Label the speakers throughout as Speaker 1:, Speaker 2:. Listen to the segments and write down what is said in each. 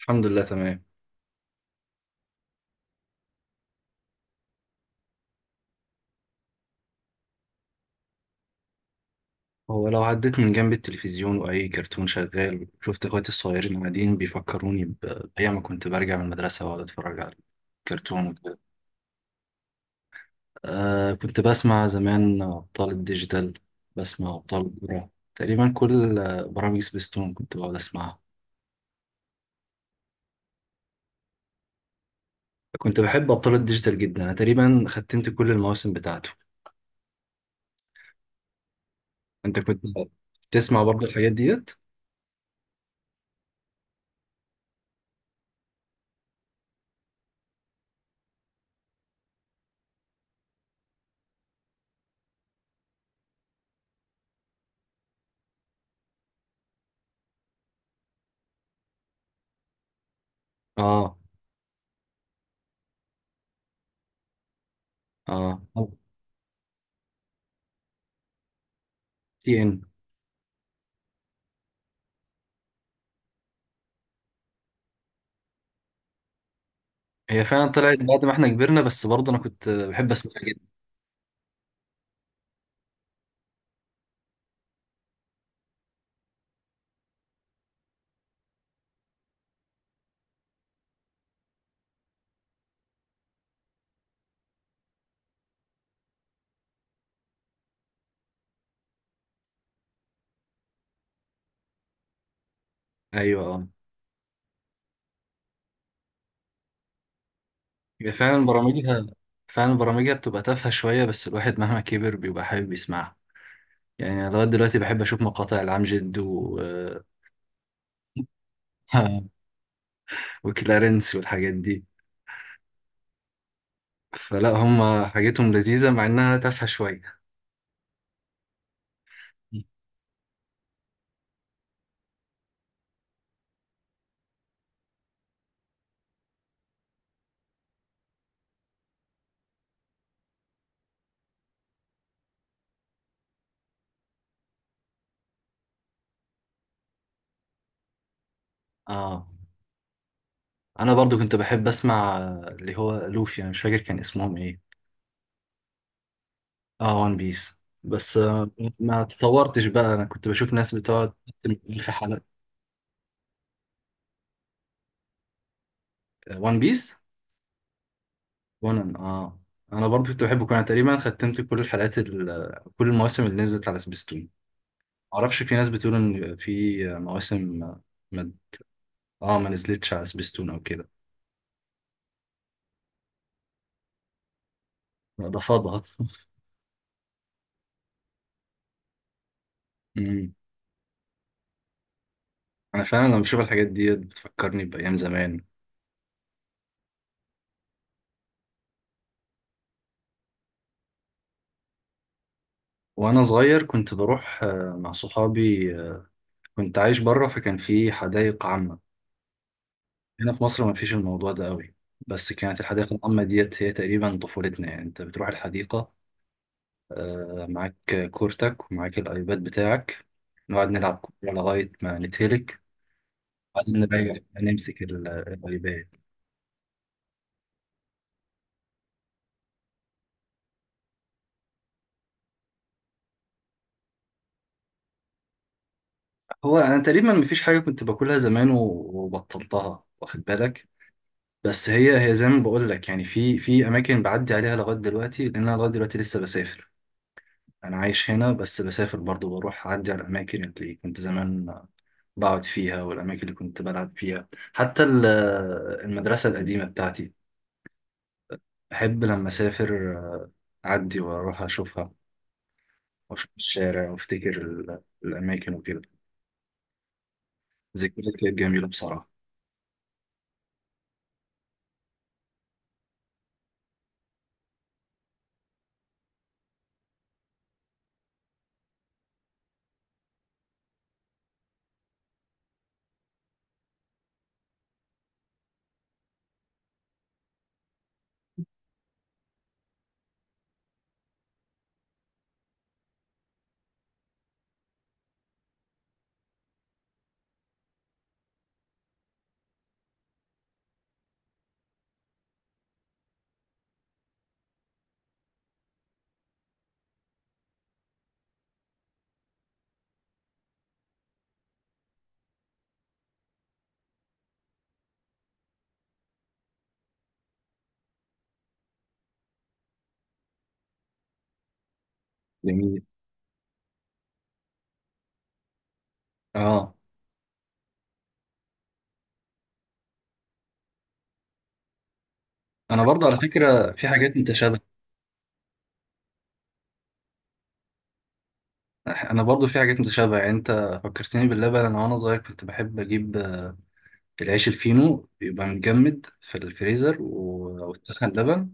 Speaker 1: الحمد لله تمام. هو لو عديت من جنب التلفزيون وأي كرتون شغال شفت إخواتي الصغيرين قاعدين بيفكروني بأيام ما كنت برجع من المدرسة وأقعد أتفرج على كرتون وكده. آه، كنت بسمع زمان أبطال الديجيتال. بسمع أبطال الكرة. تقريبا كل برامج سبيستون كنت بقعد أسمعها. كنت بحب أبطال الديجيتال جدا، أنا تقريبا ختمت كل المواسم بتاعته. أنت كنت تسمع برضه الحاجات ديت؟ آه، آه، TN. هي فعلا طلعت بعد ما احنا كبرنا، بس برضه أنا كنت بحب أسمعها. ايوه، اه. هي فعلا برامجها بتبقى تافهه شويه، بس الواحد مهما كبر بيبقى حابب يسمعها. يعني أنا لغايه دلوقتي بحب اشوف مقاطع العمجد و وكلارنس والحاجات دي. فلا هم حاجتهم لذيذه مع انها تافهه شويه. اه، انا برضو كنت بحب اسمع، اللي هو لوفي، انا مش فاكر كان اسمهم ايه. اه، وان بيس. بس ما تطورتش بقى. انا كنت بشوف ناس بتقعد في حلقه وان بيس. كونان، اه. انا برضو كنت بحب كونان، تقريبا ختمت كل الحلقات كل المواسم اللي نزلت على سبيستون. معرفش، في ناس بتقول ان في مواسم ما... اه، ما نزلتش على سبيستون او كده. لا، ده فاضها. امم انا فعلا لما بشوف الحاجات دي بتفكرني بايام زمان. وانا صغير كنت بروح مع صحابي، كنت عايش بره فكان في حدائق عامة. هنا في مصر ما فيش الموضوع ده قوي، بس كانت الحديقة العامة ديت هي تقريبا طفولتنا. يعني انت بتروح الحديقة معاك كورتك ومعاك الايباد بتاعك، نقعد نلعب كورة لغاية ما نتهلك، بعدين نرجع نمسك الايباد. هو انا تقريبا مفيش حاجة كنت باكلها زمان وبطلتها، واخد بالك. بس هي زي ما بقول لك، يعني في اماكن بعدي عليها لغاية دلوقتي، لان انا لغاية دلوقتي لسه بسافر. انا عايش هنا، بس بسافر برضو، بروح اعدي على الاماكن اللي كنت زمان بقعد فيها والاماكن اللي كنت بلعب فيها، حتى المدرسة القديمة بتاعتي. بحب لما أسافر أعدي وأروح أشوفها، وأشوف الشارع وأفتكر الأماكن وكده. ذكريات كانت جميلة بصراحة. جميل. آه أنا برضه على فكرة في حاجات متشابهة. أنا برضه في حاجات متشابهة، يعني أنت فكرتني باللبن. أنا وأنا صغير كنت بحب أجيب العيش الفينو بيبقى متجمد في الفريزر، وأسخن لبن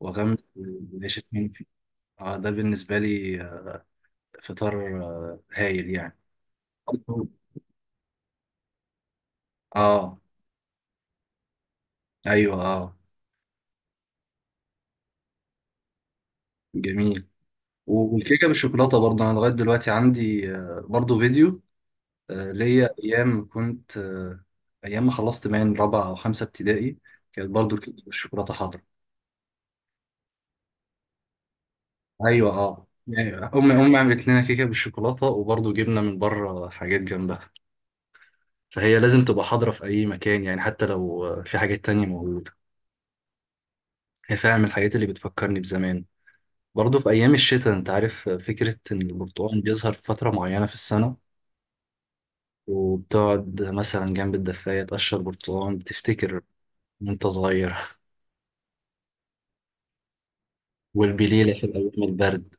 Speaker 1: وأغمس العيش الفينو فيه. ده بالنسبة لي فطار هايل يعني. آه، أيوه، آه. جميل. والكيكه بالشوكولاته برضه انا لغايه دلوقتي عندي برضه فيديو. ليا ايام كنت ايام ما خلصت من رابعه او خمسه ابتدائي كانت برضه الكيكه بالشوكولاته حاضره. ايوه، اه. يعني امي عملت لنا كيكه بالشوكولاته، وبرضه جبنا من بره حاجات جنبها. فهي لازم تبقى حاضره في اي مكان، يعني حتى لو في حاجات تانية موجوده. هي فعلا من الحاجات اللي بتفكرني بزمان. برضه في ايام الشتاء، انت عارف، فكره ان البرتقال بيظهر في فتره معينه في السنه، وبتقعد مثلا جنب الدفاية تقشر برتقال، بتفتكر وأنت صغير. والبليلة في الأيام البرد.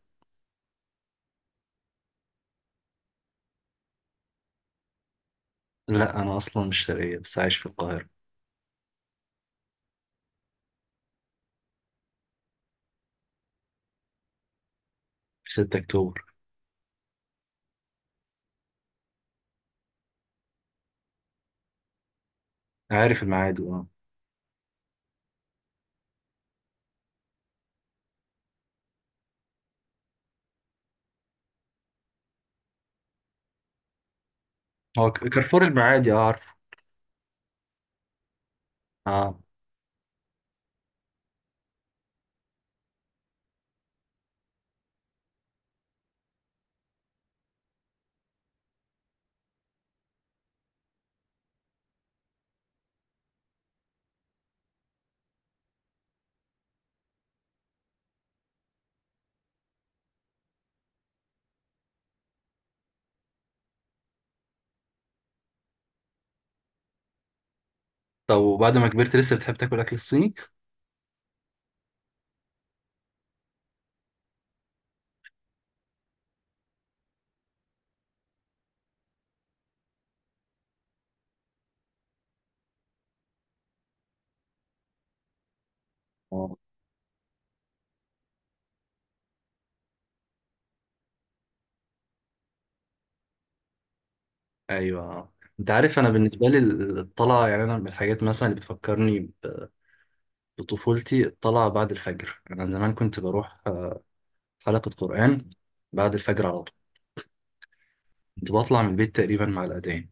Speaker 1: لا، أنا أصلا مش شرقية بس عايش في القاهرة، في 6 أكتوبر. عارف المعادي، أه. هو كارفور المعادي، أه عارف. أه، طب وبعد ما كبرت لسه بتحب تاكل أكل الصيني؟ أه، أيوه آه. أنت عارف، أنا بالنسبة لي الطلعة، يعني أنا من الحاجات مثلا اللي بتفكرني بطفولتي الطلعة بعد الفجر. أنا زمان كنت بروح حلقة قرآن بعد الفجر على طول. كنت بطلع من البيت تقريبا مع الأذان،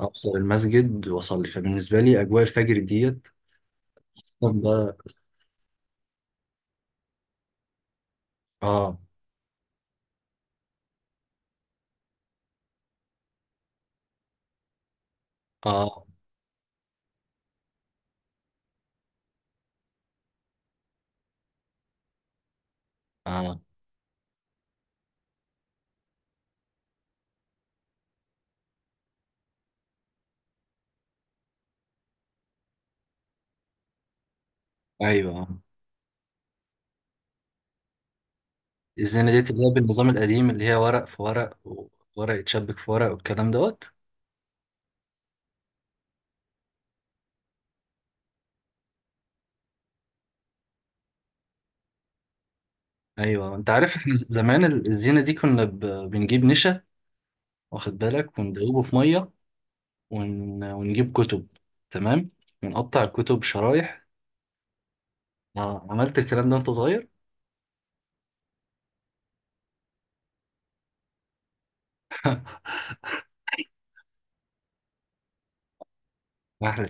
Speaker 1: ابصر المسجد واصلي. فبالنسبه لي اجواء الفجر ديت، خصوصاً بقى. اه، اه، اه. ايوه، آه. الزينه ديت اللي هي بالنظام القديم، اللي هي ورق في ورق، وورق يتشبك في ورق والكلام دوت. ايوه، انت عارف، احنا زمان الزينه دي كنا بنجيب نشا، واخد بالك، وندوبه في ميه، ونجيب كتب، تمام، ونقطع الكتب شرايح. اه، عملت الكلام ده وانت صغير. احلى.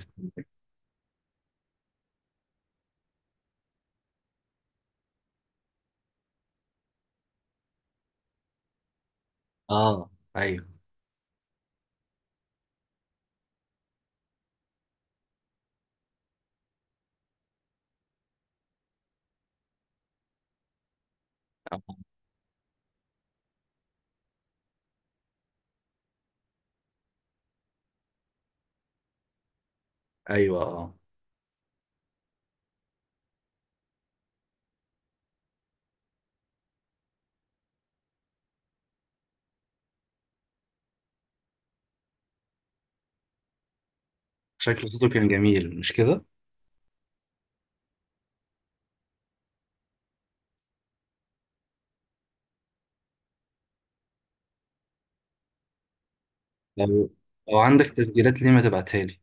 Speaker 1: اه، ايوه آه. ايوه، اه. شكل صوته كان جميل مش كده؟ لو لو عندك تسجيلات ليه ما تبعتها لي؟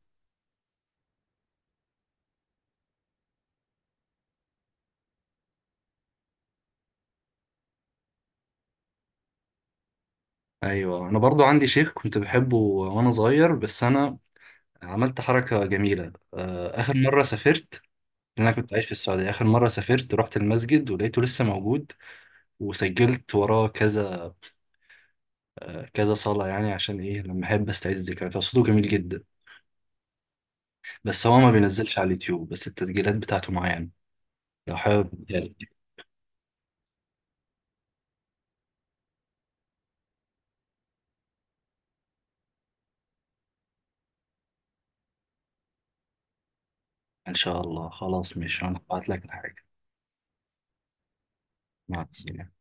Speaker 1: ايوه، انا برضو عندي شيخ كنت بحبه وانا صغير، بس انا عملت حركه جميله. اخر مره سافرت، لأن انا كنت عايش في السعوديه، اخر مره سافرت رحت المسجد ولقيته لسه موجود، وسجلت وراه كذا كذا صلاه. يعني عشان ايه؟ لما احب استعيد الذكريات، هو صوته جميل جدا. بس هو ما بينزلش على اليوتيوب، بس التسجيلات بتاعته معايا يعني. لو حابب أديها لك. ان شاء الله، خلاص ماشي، انا هبعت لك الحاجه. مع السلامة.